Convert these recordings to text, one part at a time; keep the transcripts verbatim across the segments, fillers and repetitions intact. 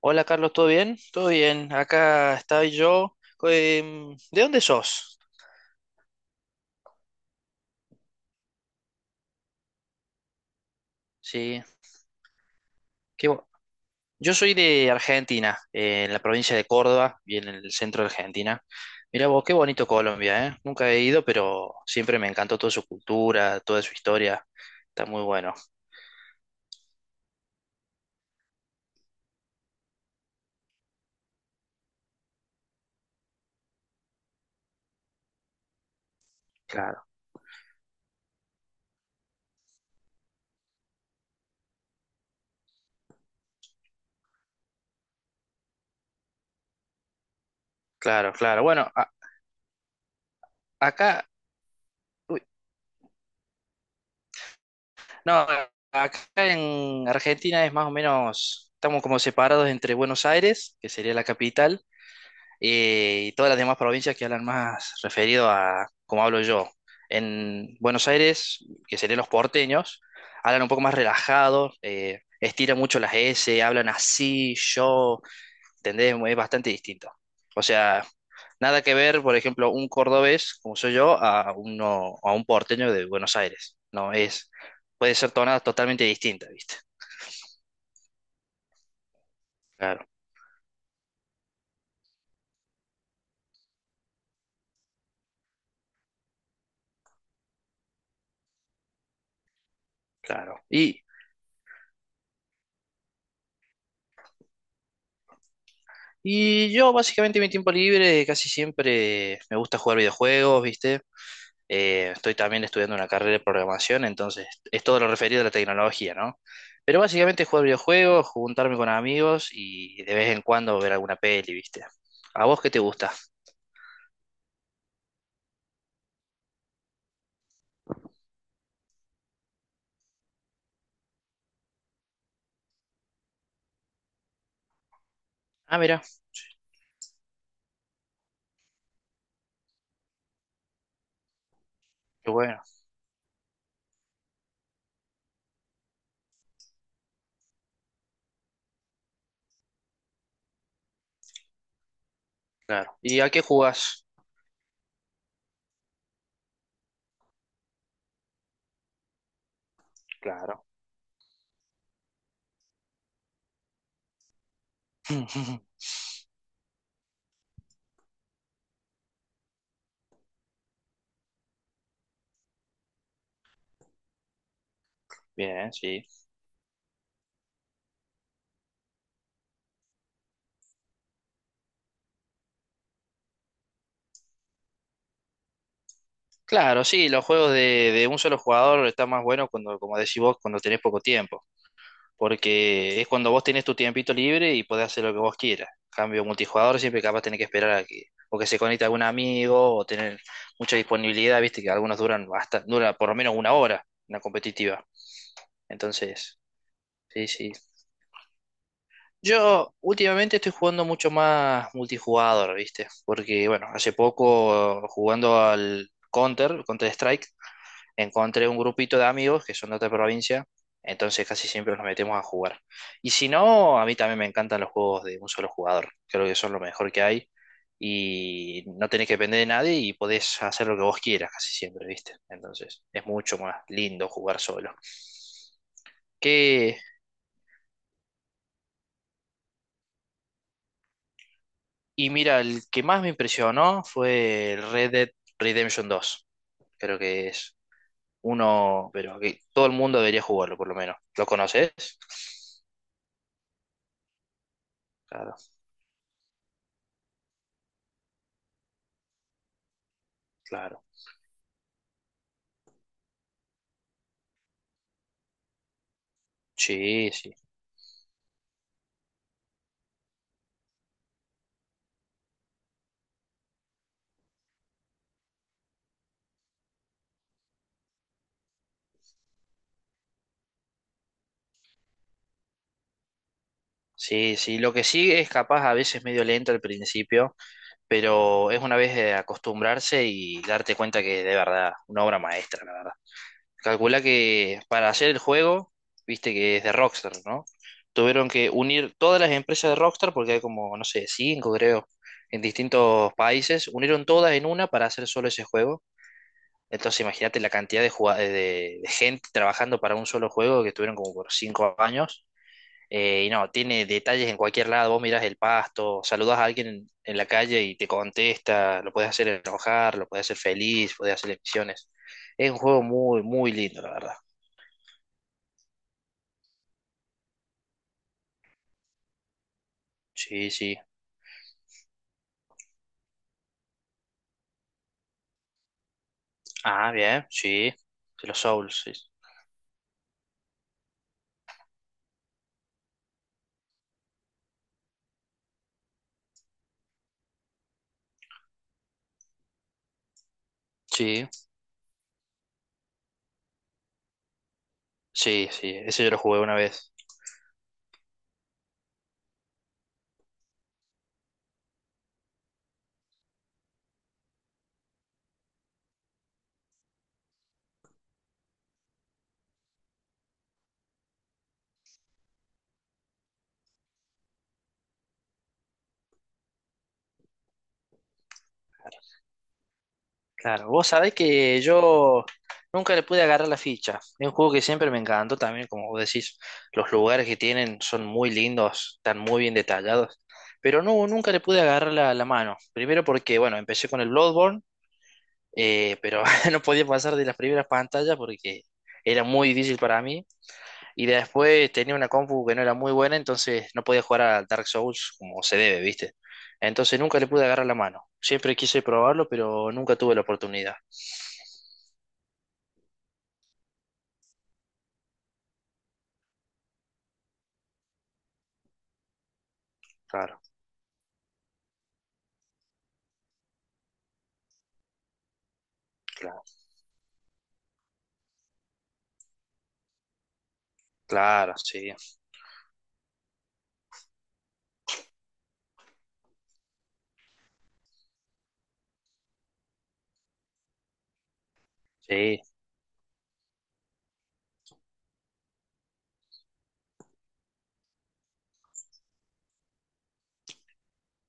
Hola Carlos, ¿todo bien? Todo bien, acá estoy yo. Em, ¿de dónde sos? Sí, qué bu- yo soy de Argentina, eh, en la provincia de Córdoba bien en el centro de Argentina. Mirá vos, qué bonito Colombia, ¿eh? Nunca he ido, pero siempre me encantó toda su cultura, toda su historia. Está muy bueno. Claro, claro, claro. Bueno, a- acá, uy, no, a- acá en Argentina es más o menos, estamos como separados entre Buenos Aires, que sería la capital, eh, y todas las demás provincias que hablan más referido a como hablo yo. En Buenos Aires, que serían los porteños, hablan un poco más relajados, eh, estiran mucho las S, hablan así, yo, ¿entendés? Es bastante distinto. O sea, nada que ver, por ejemplo, un cordobés, como soy yo, a uno, a un porteño de Buenos Aires. No es, puede ser tonadas totalmente distintas, ¿viste? Claro, claro. Y Y yo básicamente mi tiempo libre casi siempre me gusta jugar videojuegos, ¿viste? Eh, estoy también estudiando una carrera de programación, entonces es todo lo referido a la tecnología, ¿no? Pero básicamente jugar videojuegos, juntarme con amigos y de vez en cuando ver alguna peli, ¿viste? ¿A vos qué te gusta? Ah, mira, qué bueno, claro. ¿Y a qué jugás? Claro. Bien, sí. Claro, sí, los juegos de, de un solo jugador están más buenos cuando, como decís vos, cuando tenés poco tiempo. Porque es cuando vos tenés tu tiempito libre y podés hacer lo que vos quieras. Cambio multijugador, siempre capaz tenés que esperar a que, o que se conecte algún amigo, o tener mucha disponibilidad, viste que algunos duran hasta, dura por lo menos una hora, una competitiva. Entonces, sí, sí. Yo últimamente estoy jugando mucho más multijugador, viste, porque bueno, hace poco jugando al Counter, Counter Strike, encontré un grupito de amigos que son de otra provincia, entonces casi siempre nos metemos a jugar. Y si no, a mí también me encantan los juegos de un solo jugador, creo que son lo mejor que hay y no tenés que depender de nadie y podés hacer lo que vos quieras casi siempre, ¿viste? Entonces es mucho más lindo jugar solo. Que, y mira, el que más me impresionó fue el Red Dead Redemption dos, creo que es uno, pero que todo el mundo debería jugarlo por lo menos. ¿Lo conoces? Claro, claro. Sí, sí. Sí, sí, lo que sí es capaz a veces medio lento al principio, pero es una vez de acostumbrarse y darte cuenta que es de verdad una obra maestra, la verdad. Calcula que para hacer el juego, viste que es de Rockstar, ¿no? Tuvieron que unir todas las empresas de Rockstar, porque hay como, no sé, cinco creo, en distintos países, unieron todas en una para hacer solo ese juego. Entonces imagínate la cantidad de, jugad- de de gente trabajando para un solo juego que tuvieron como por cinco años, eh, y no, tiene detalles en cualquier lado. Vos mirás el pasto, saludas a alguien en, en la calle y te contesta. Lo puedes hacer enojar, lo puedes hacer feliz, puedes hacer misiones. Es un juego muy, muy lindo, la verdad. Sí, sí. Ah, bien, sí. De los Souls, sí. Sí, sí, sí. Ese yo lo jugué una vez. Claro, vos sabés que yo nunca le pude agarrar la ficha. Es un juego que siempre me encantó también, como vos decís, los lugares que tienen son muy lindos, están muy bien detallados, pero no, nunca le pude agarrar la, la mano. Primero porque, bueno, empecé con el Bloodborne, eh, pero no podía pasar de las primeras pantallas porque era muy difícil para mí. Y después tenía una compu que no era muy buena, entonces no podía jugar a Dark Souls como se debe, ¿viste? Entonces nunca le pude agarrar la mano. Siempre quise probarlo, pero nunca tuve la oportunidad. Claro. Claro, claro, sí, sí,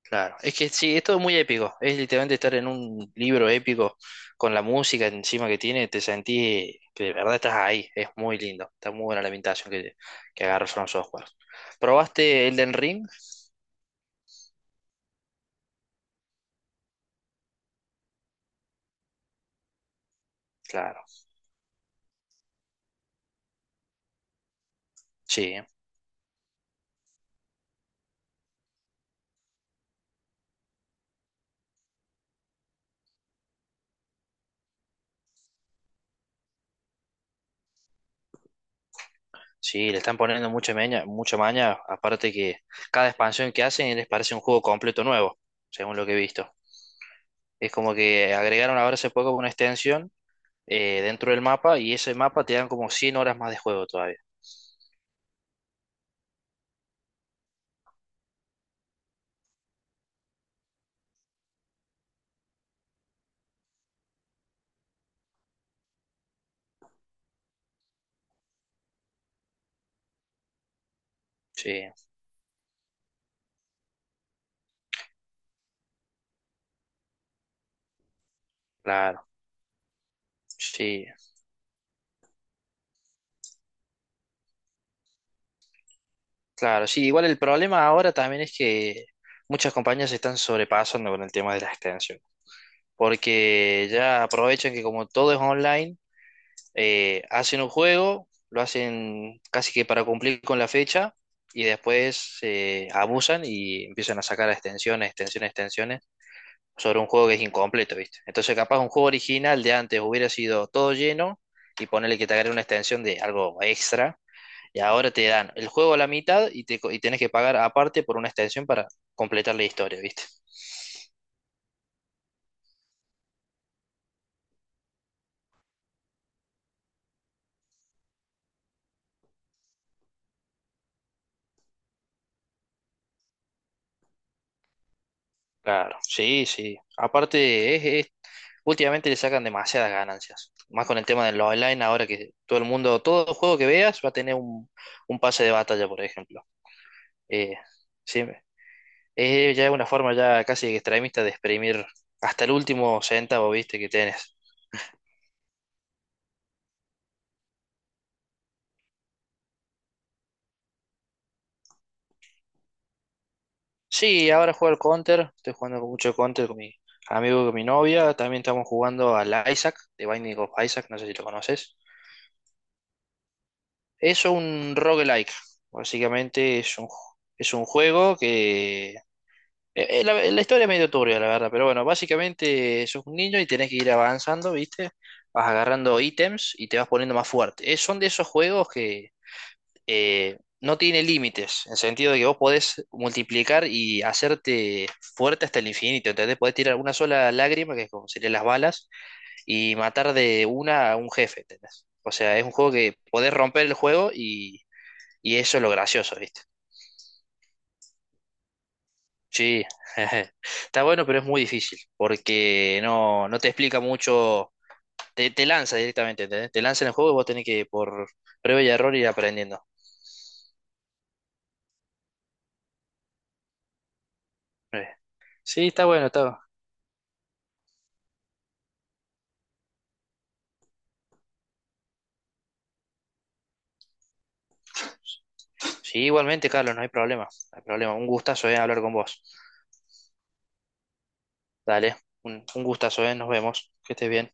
claro. Es que sí, es todo muy épico. Es literalmente estar en un libro épico con la música encima que tiene, te sentís que de verdad estás ahí. Es muy lindo. Está muy buena la ambientación que, que agarra From Software. ¿Probaste Elden Ring? Claro, sí, sí, le están poniendo mucha maña, mucha maña, aparte que cada expansión que hacen les parece un juego completo nuevo, según lo que he visto. Es como que agregaron ahora hace poco una extensión, eh, dentro del mapa y ese mapa te dan como cien horas más de juego todavía. Sí, claro, sí, claro, sí. Igual el problema ahora también es que muchas compañías se están sobrepasando con el tema de la extensión, porque ya aprovechan que como todo es online, eh, hacen un juego, lo hacen casi que para cumplir con la fecha y después eh, abusan y empiezan a sacar extensiones, extensiones, extensiones. Sobre un juego que es incompleto, ¿viste? Entonces, capaz un juego original de antes hubiera sido todo lleno y ponerle que te agregue una extensión de algo extra. Y ahora te dan el juego a la mitad y, te, co- y tenés que pagar aparte por una extensión para completar la historia, ¿viste? Claro, sí, sí. Aparte, es, es- últimamente le sacan demasiadas ganancias. Más con el tema de los online, ahora que todo el mundo, todo juego que veas va a tener un, un pase de batalla, por ejemplo. Eh, sí, es ya una forma ya casi extremista de exprimir hasta el último centavo, viste, que tenés. Sí, ahora juego al Counter, estoy jugando con mucho Counter con mi amigo, y con mi novia, también estamos jugando al Isaac, de Binding of Isaac, no sé si lo conoces. Es un roguelike, básicamente es un, ju- es un juego que... eh, eh, La, la historia es medio turbia, la verdad, pero bueno, básicamente sos un niño y tenés que ir avanzando, viste, vas agarrando ítems y te vas poniendo más fuerte. Eh, son de esos juegos que eh, no tiene límites, en el sentido de que vos podés multiplicar y hacerte fuerte hasta el infinito, ¿entendés? Podés tirar una sola lágrima, que es como serían las balas, y matar de una a un jefe, ¿entendés? O sea, es un juego que podés romper el juego y, y eso es lo gracioso, ¿viste? Sí, está bueno, pero es muy difícil, porque no, no te explica mucho, te, te lanza directamente, ¿entendés? Te lanza en el juego y vos tenés que por prueba y error ir aprendiendo. Eh, Sí, está bueno, está sí, igualmente, Carlos, no hay problema. No hay problema. Un gustazo, eh, hablar con vos. Dale, un, un gustazo, eh, nos vemos. Que estés bien.